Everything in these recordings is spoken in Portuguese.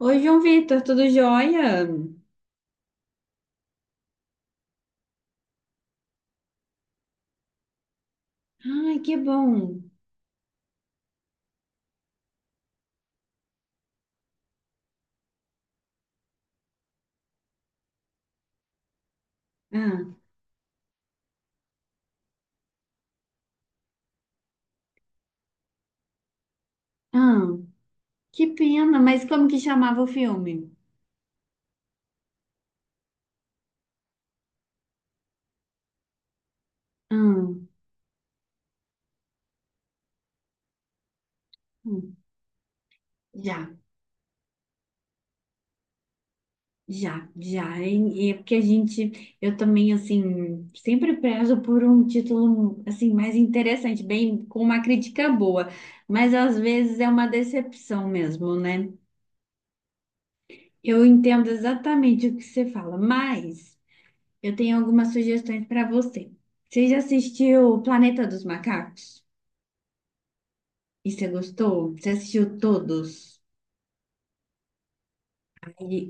Oi, João Vitor, tudo jóia? Ai, que bom. Ah, ah, que pena, mas como que chamava o filme? Ah, hum, já, já, já. E é porque a gente, eu também, assim, sempre prezo por um título, assim, mais interessante, bem, com uma crítica boa, mas às vezes é uma decepção mesmo, né? Eu entendo exatamente o que você fala, mas. Eu tenho algumas sugestões para você. Você já assistiu o Planeta dos Macacos? E você gostou? Você assistiu todos? E,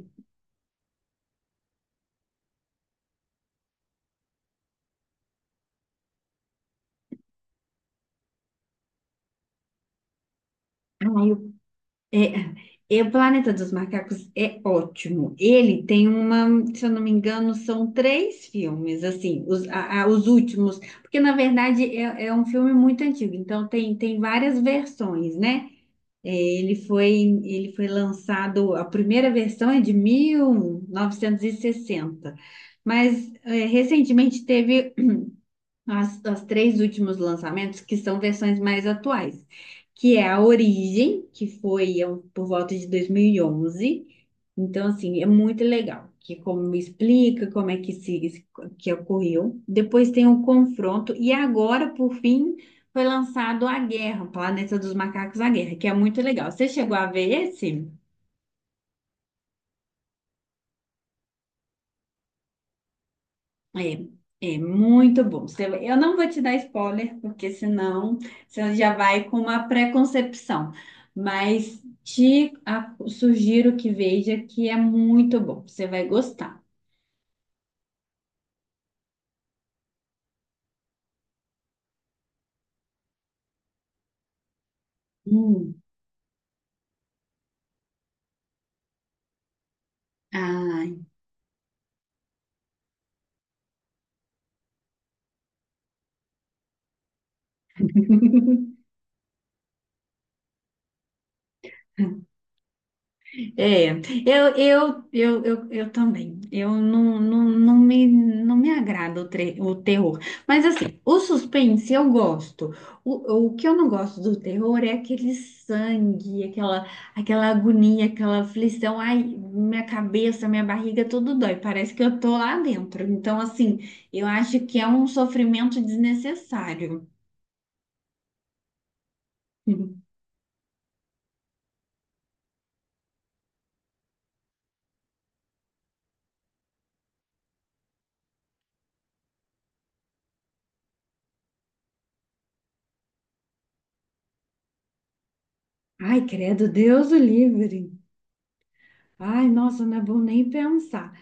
ai, eu- é, e o Planeta dos Macacos é ótimo. Ele tem uma, se eu não me engano, são três filmes, assim, os últimos, porque na verdade é um filme muito antigo, então tem várias versões, né? É, Ele foi, ele foi lançado, a primeira versão é de 1960, mas recentemente teve as três últimos lançamentos, que são versões mais atuais, que é a Origem, que foi por volta de 2011. Então, assim, é muito legal, que é como explica como é que se que ocorreu. Depois tem o Confronto e agora, por fim, foi lançado A Guerra, Planeta dos Macacos, A Guerra, que é muito legal. Você chegou a ver esse? É, é muito bom. Eu não vou te dar spoiler, porque senão você já vai com uma preconcepção. Mas te sugiro que veja que é muito bom. Você vai gostar. Hum. Ai. É, eu também. Eu não me agrada o terror. Mas assim, o suspense eu gosto. O que eu não gosto do terror é aquele sangue, aquela agonia, aquela aflição. Ai, minha cabeça, minha barriga, tudo dói. Parece que eu tô lá dentro. Então, assim, eu acho que é um sofrimento desnecessário. Ai, credo, Deus o livre. Ai, nossa, não é bom nem pensar.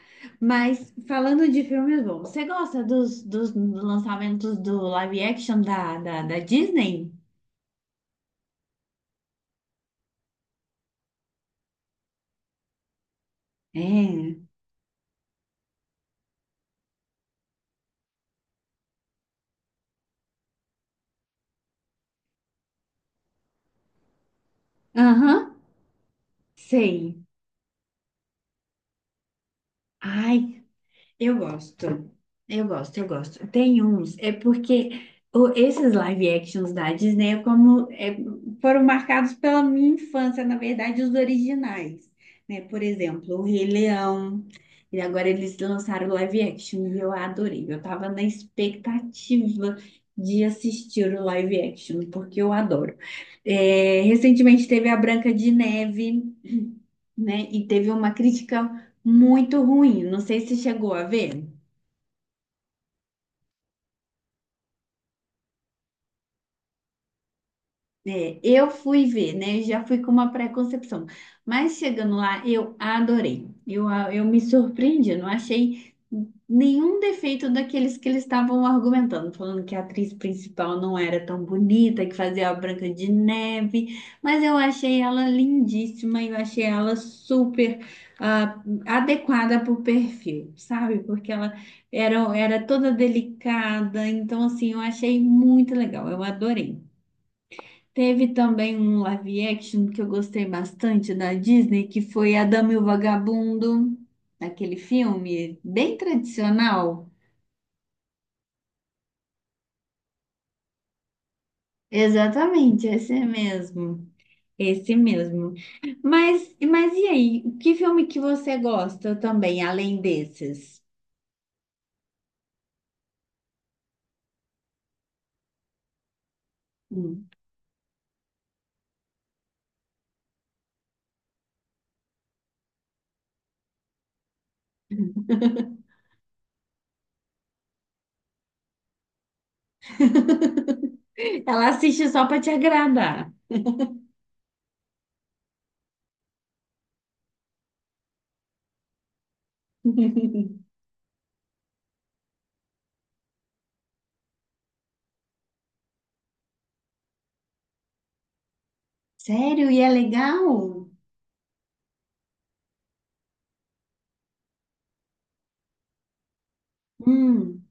Mas falando de filmes bons, você gosta dos lançamentos do live action da Disney? É. Aham, sei. Ai, eu gosto, eu gosto, eu gosto. Tem uns, é porque esses live actions da Disney é como, foram marcados pela minha infância, na verdade, os originais, né? Por exemplo, o Rei Leão, e agora eles lançaram o live action e eu adorei. Eu tava na expectativa de assistir o live action, porque eu adoro. Recentemente teve a Branca de Neve, né? E teve uma crítica muito ruim. Não sei se chegou a ver. Eu fui ver, né? Já fui com uma pré-concepção. Mas chegando lá, eu adorei. Eu me surpreendi, não achei nenhum defeito daqueles que eles estavam argumentando, falando que a atriz principal não era tão bonita, que fazia a Branca de Neve. Mas eu achei ela lindíssima, e eu achei ela super ah, adequada para o perfil, sabe? Porque ela era toda delicada, então assim, eu achei muito legal, eu adorei. Teve também um live action que eu gostei bastante da Disney, que foi a Dama e o Vagabundo, aquele filme bem tradicional. Exatamente, esse mesmo. Esse mesmo. Mas e aí, que filme que você gosta também, além desses? Hum. Ela assiste só para te agradar. Sério? E é legal? Hum,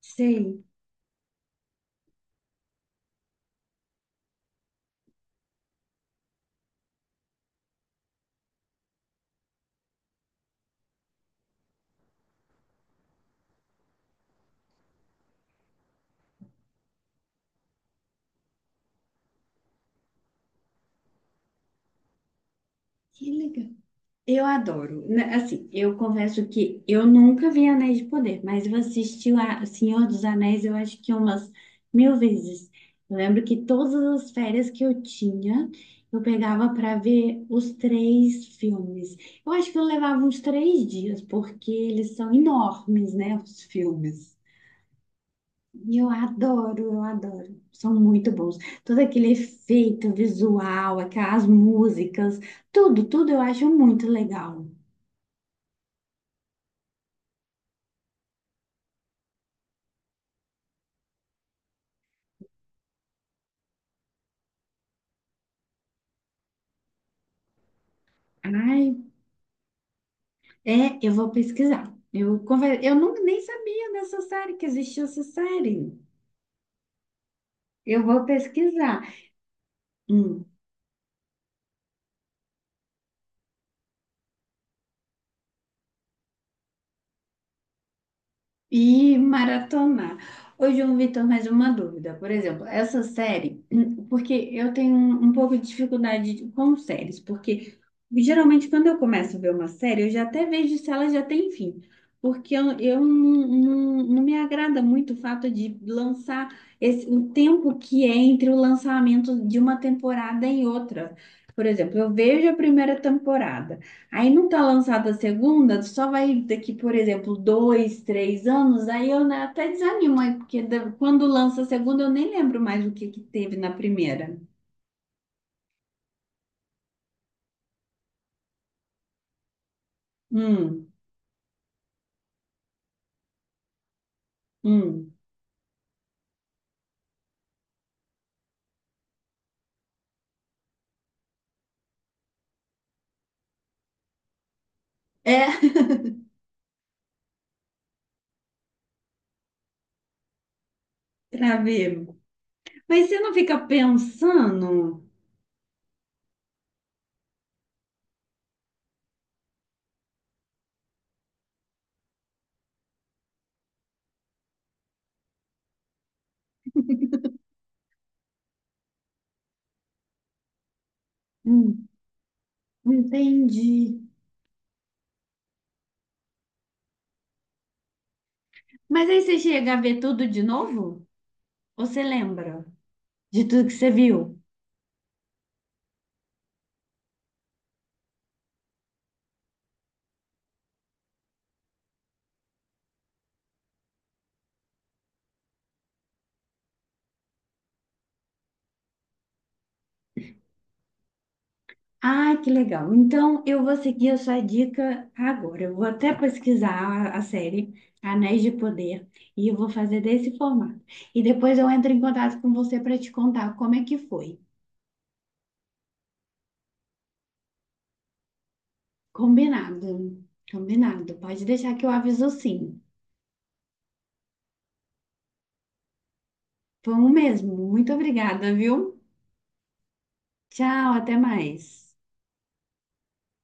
sei. Que legal. Eu adoro. Né, assim, eu confesso que eu nunca vi Anéis de Poder, mas eu assisti Senhor dos Anéis, eu acho que umas mil vezes. Eu lembro que todas as férias que eu tinha, eu pegava para ver os três filmes. Eu acho que eu levava uns 3 dias, porque eles são enormes, né, os filmes. E eu adoro, eu adoro. São muito bons. Todo aquele efeito visual, aquelas músicas, tudo, tudo eu acho muito legal. Ai, eu vou pesquisar. Eu não, nem sabia dessa série, que existia essa série. Eu vou pesquisar. Hum. E maratonar. Ô, João Vitor, mais uma dúvida. Por exemplo, essa série, porque eu tenho um pouco de dificuldade com séries, porque geralmente quando eu começo a ver uma série, eu já até vejo se ela já tem fim. Porque eu não me agrada muito o fato de lançar esse, o tempo que é entre o lançamento de uma temporada e outra. Por exemplo, eu vejo a primeira temporada. Aí não tá lançada a segunda, só vai daqui, por exemplo, 2, 3 anos, aí eu, né, até desanimo, aí, porque quando lança a segunda eu nem lembro mais o que que teve na primeira. Hum, hum. É, travei. Mas você não fica pensando? Hum, entendi. Mas aí você chega a ver tudo de novo? Ou você lembra de tudo que você viu? Ai, que legal. Então, eu vou seguir a sua dica agora. Eu vou até pesquisar a série Anéis de Poder e eu vou fazer desse formato. E depois eu entro em contato com você para te contar como é que foi. Combinado. Combinado. Pode deixar que eu aviso sim. Foi um mesmo. Muito obrigada, viu? Tchau, até mais.